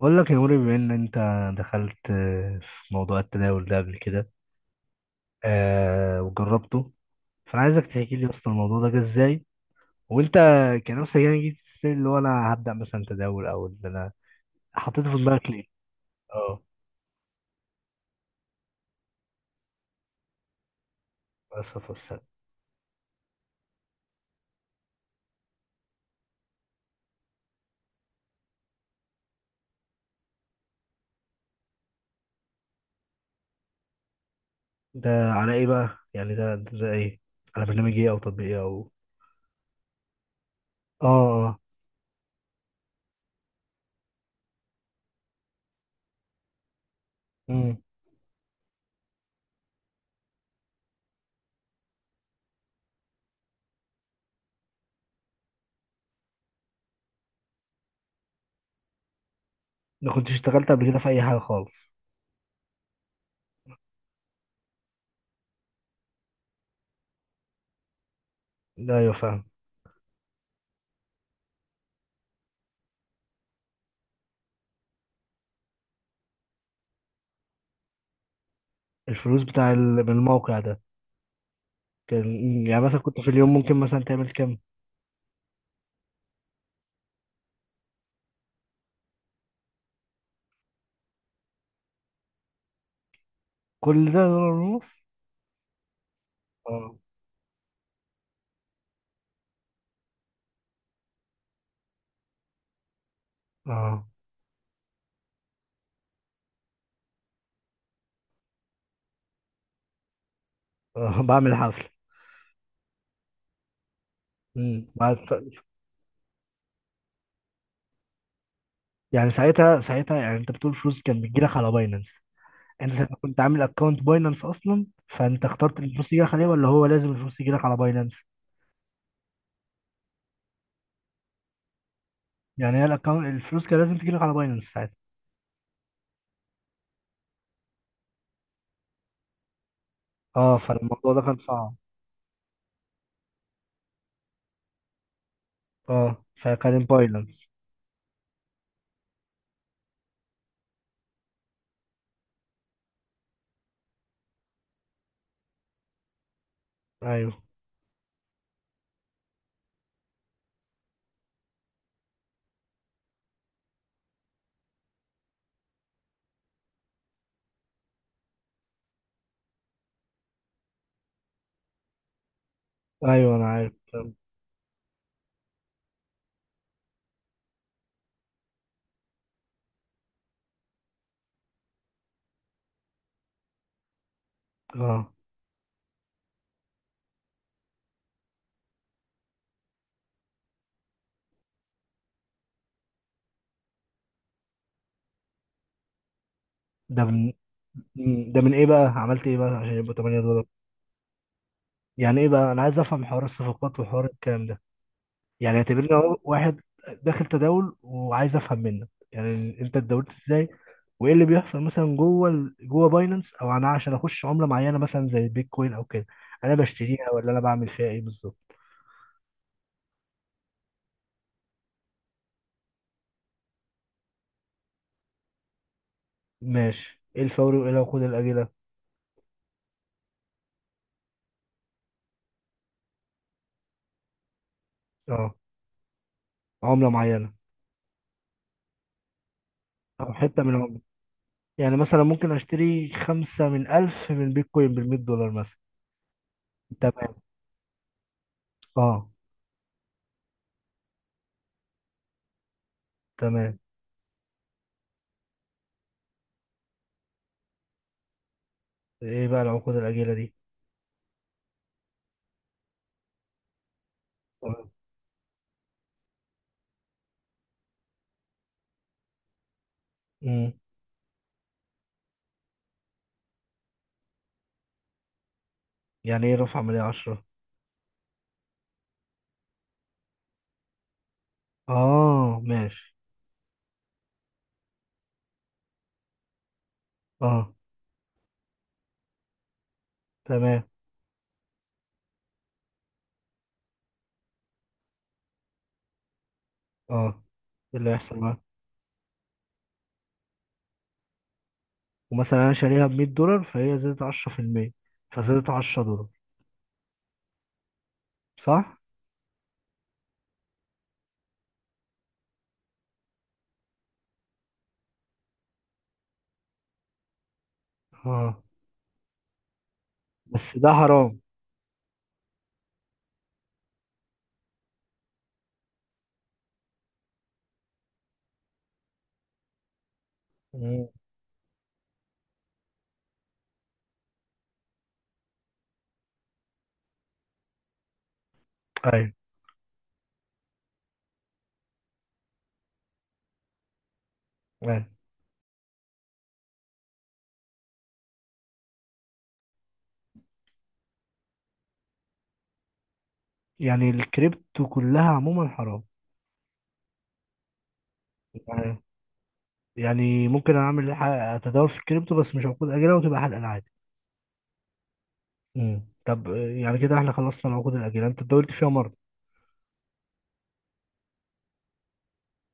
بقول لك يا نوري، بما ان انت دخلت في موضوع التداول ده قبل كده. آه، وجربته. فانا عايزك تحكي لي اصلا الموضوع ده جه ازاي، وانت كنفسك يعني جيت السن اللي هو انا هبدا مثلا تداول، او ان انا حطيته في دماغك ليه؟ اه. بس فصل. ده على ايه بقى؟ يعني ده ده ايه؟ على برنامج ايه او تطبيق ايه او. اه. اه. امم. ما كنتش اشتغلت قبل كده في اي حاجه خالص؟ لا، ايوه، فاهم. الفلوس بتاع من الموقع ده؟ كان، يعني مثلا كنت في اليوم ممكن مثلا تعمل كام؟ كل ده دولار ونص؟ اه. اه. آه، بعمل حفل. امم بعد- ف- يعني ساعتها يعني انت بتقول فلوس كان بتجيلك على باينانس، انت ساعتها كنت عامل اكونت باينانس اصلا؟ فانت اخترت الفلوس تجيلك عليه، ولا هو لازم الفلوس تجيلك على باينانس؟ يعني هي الاكونت الفلوس كان لازم تجيلك على باينانس ساعتها؟ اه، فالموضوع ده كان صعب. اه، فكان باينانس. ايوه، ايوه، انا عارف. اه. ده من. مم، ده من ايه بقى؟ عملت ايه بقى عشان يبقى 8 دولار؟ يعني ايه بقى؟ انا عايز افهم حوار الصفقات وحوار الكلام ده. يعني اعتبرني هو واحد داخل تداول وعايز افهم منك يعني انت اتداولت ازاي، وايه اللي بيحصل مثلا جوه جوه باينانس؟ او انا عشان اخش عمله معينه مثلا زي البيتكوين او كده، انا بشتريها ولا انا بعمل فيها ايه بالظبط؟ ماشي، ايه الفوري وايه العقود الاجله؟ اه. عمله معينه. او حته من عمله. يعني مثلا ممكن اشتري 5 من ألف من بيتكوين ب 100 دولار مثلا. تمام. اه. تمام. ايه بقى العقود الاجله دي؟ تمام. امم. يعني ايه رفع عمليه 10؟ اه، ماشي. اه. تمام. اه. إيه اللي هيحصل بقى؟ ومثلا انا شاريها ب 100 دولار، فهي زادت 10%، فزادت 10 دولار. صح. اه، بس ده حرام. مم. ايوه، ايوه. يعني الكريبتو كلها عموما حرام؟ يعني يعني ممكن اعمل اتداول في الكريبتو بس مش عقود اجله، وتبقى حلقه عادي؟ مم. طب آه، يعني كده احنا خلصنا العقود الاجله، انت اتداولت فيها مره؟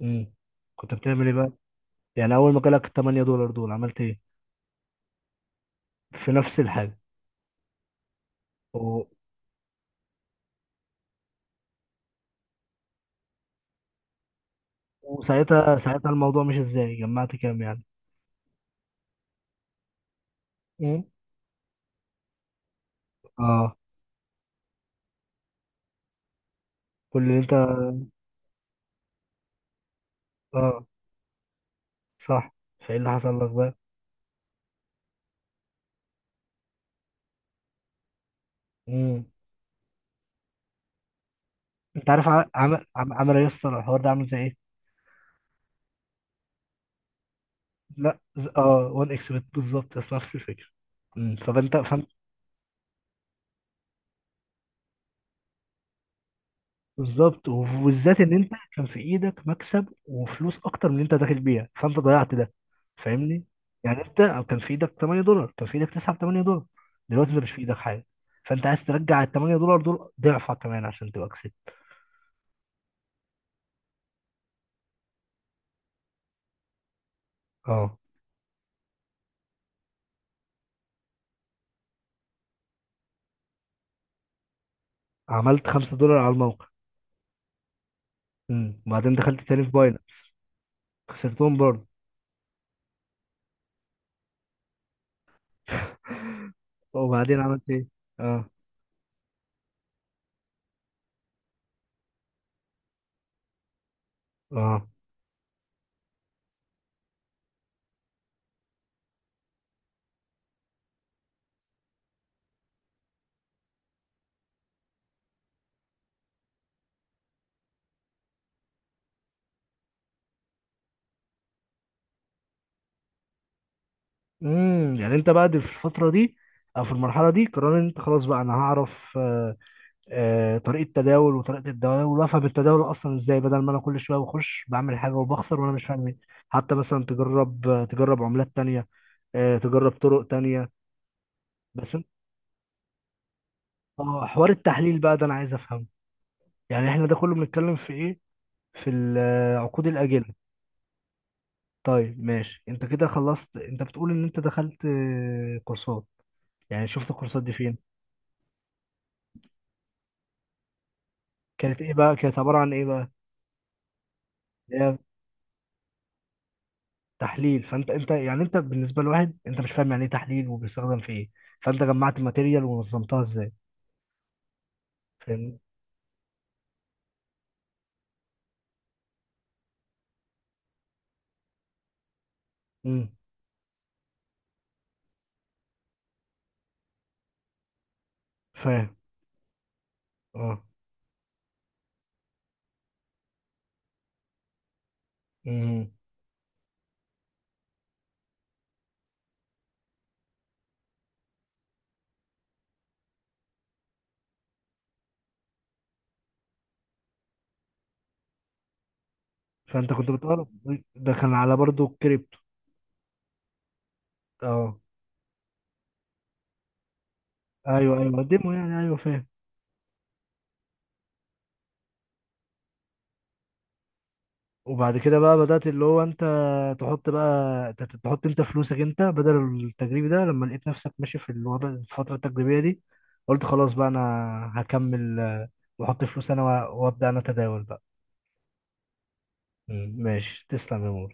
مم. كنت بتعمل ايه بقى؟ يعني اول ما جالك 8 دولار دول عملت ايه؟ في نفس الحاجه؟ وساعتها الموضوع مش ازاي جمعت كام يعني. مم. اه. كل اللي انت. اه، صح. فايه اللي حصل لك بقى؟ مم. انت عارف عمل يا اسطى الحوار ده عامل زي ايه؟ لا، اه، 1 اكس بت بالظبط، بس نفس الفكره. مم. فانت بالظبط، وبالذات ان انت كان في ايدك مكسب وفلوس اكتر من اللي انت داخل بيها، فانت ضيعت ده. فاهمني؟ يعني انت كان في ايدك 8 دولار، كان في ايدك 9 ب 8 دولار، دلوقتي انت مش في ايدك حاجه. فانت عايز ترجع ال 8 دولار دول ضعفها كمان عشان تبقى كسبت. اه. عملت 5 دولار على الموقع. امم، وبعدين دخلت تاني في باينانس. خسرتهم برضه. وبعدين عملت ايه؟ اه. اه. امم. يعني انت بقى دي في الفترة دي او في المرحلة دي قرار ان انت خلاص بقى انا هعرف آه، آه طريقة تداول، وطريقة التداول، وافهم التداول اصلا ازاي، بدل ما انا كل شوية بخش بعمل حاجة وبخسر وانا مش فاهم ايه. حتى مثلا تجرب، تجرب عملات تانية. آه، تجرب طرق تانية. بس انت. اه، حوار التحليل بقى ده انا عايز افهمه. يعني احنا ده كله بنتكلم في ايه؟ في العقود الاجله؟ طيب ماشي، انت كده خلصت. انت بتقول ان انت دخلت آه، كورسات. يعني شفت الكورسات دي فين؟ كانت ايه بقى؟ كانت عبارة عن ايه بقى؟ اللي هي تحليل. فانت، انت يعني انت بالنسبة لواحد انت مش فاهم يعني ايه تحليل وبيستخدم في ايه، فانت جمعت ماتيريال ونظمتها ازاي؟ فاهمني؟ امم. فاهم. اه. امم. فانت كنت بتقرا. ده كان على برضو الكريبتو؟ اه. ايوه، ايوه، ديمو، يعني ايوه فاهم. وبعد كده بقى بدأت اللي هو انت تحط بقى تحط انت فلوسك انت بدل التجريبي ده، لما لقيت نفسك ماشي في الوضع، الفترة التجريبية دي قلت خلاص بقى انا هكمل آه، واحط فلوس انا وابدأ انا اتداول بقى. مم، ماشي، تسلم يا مو.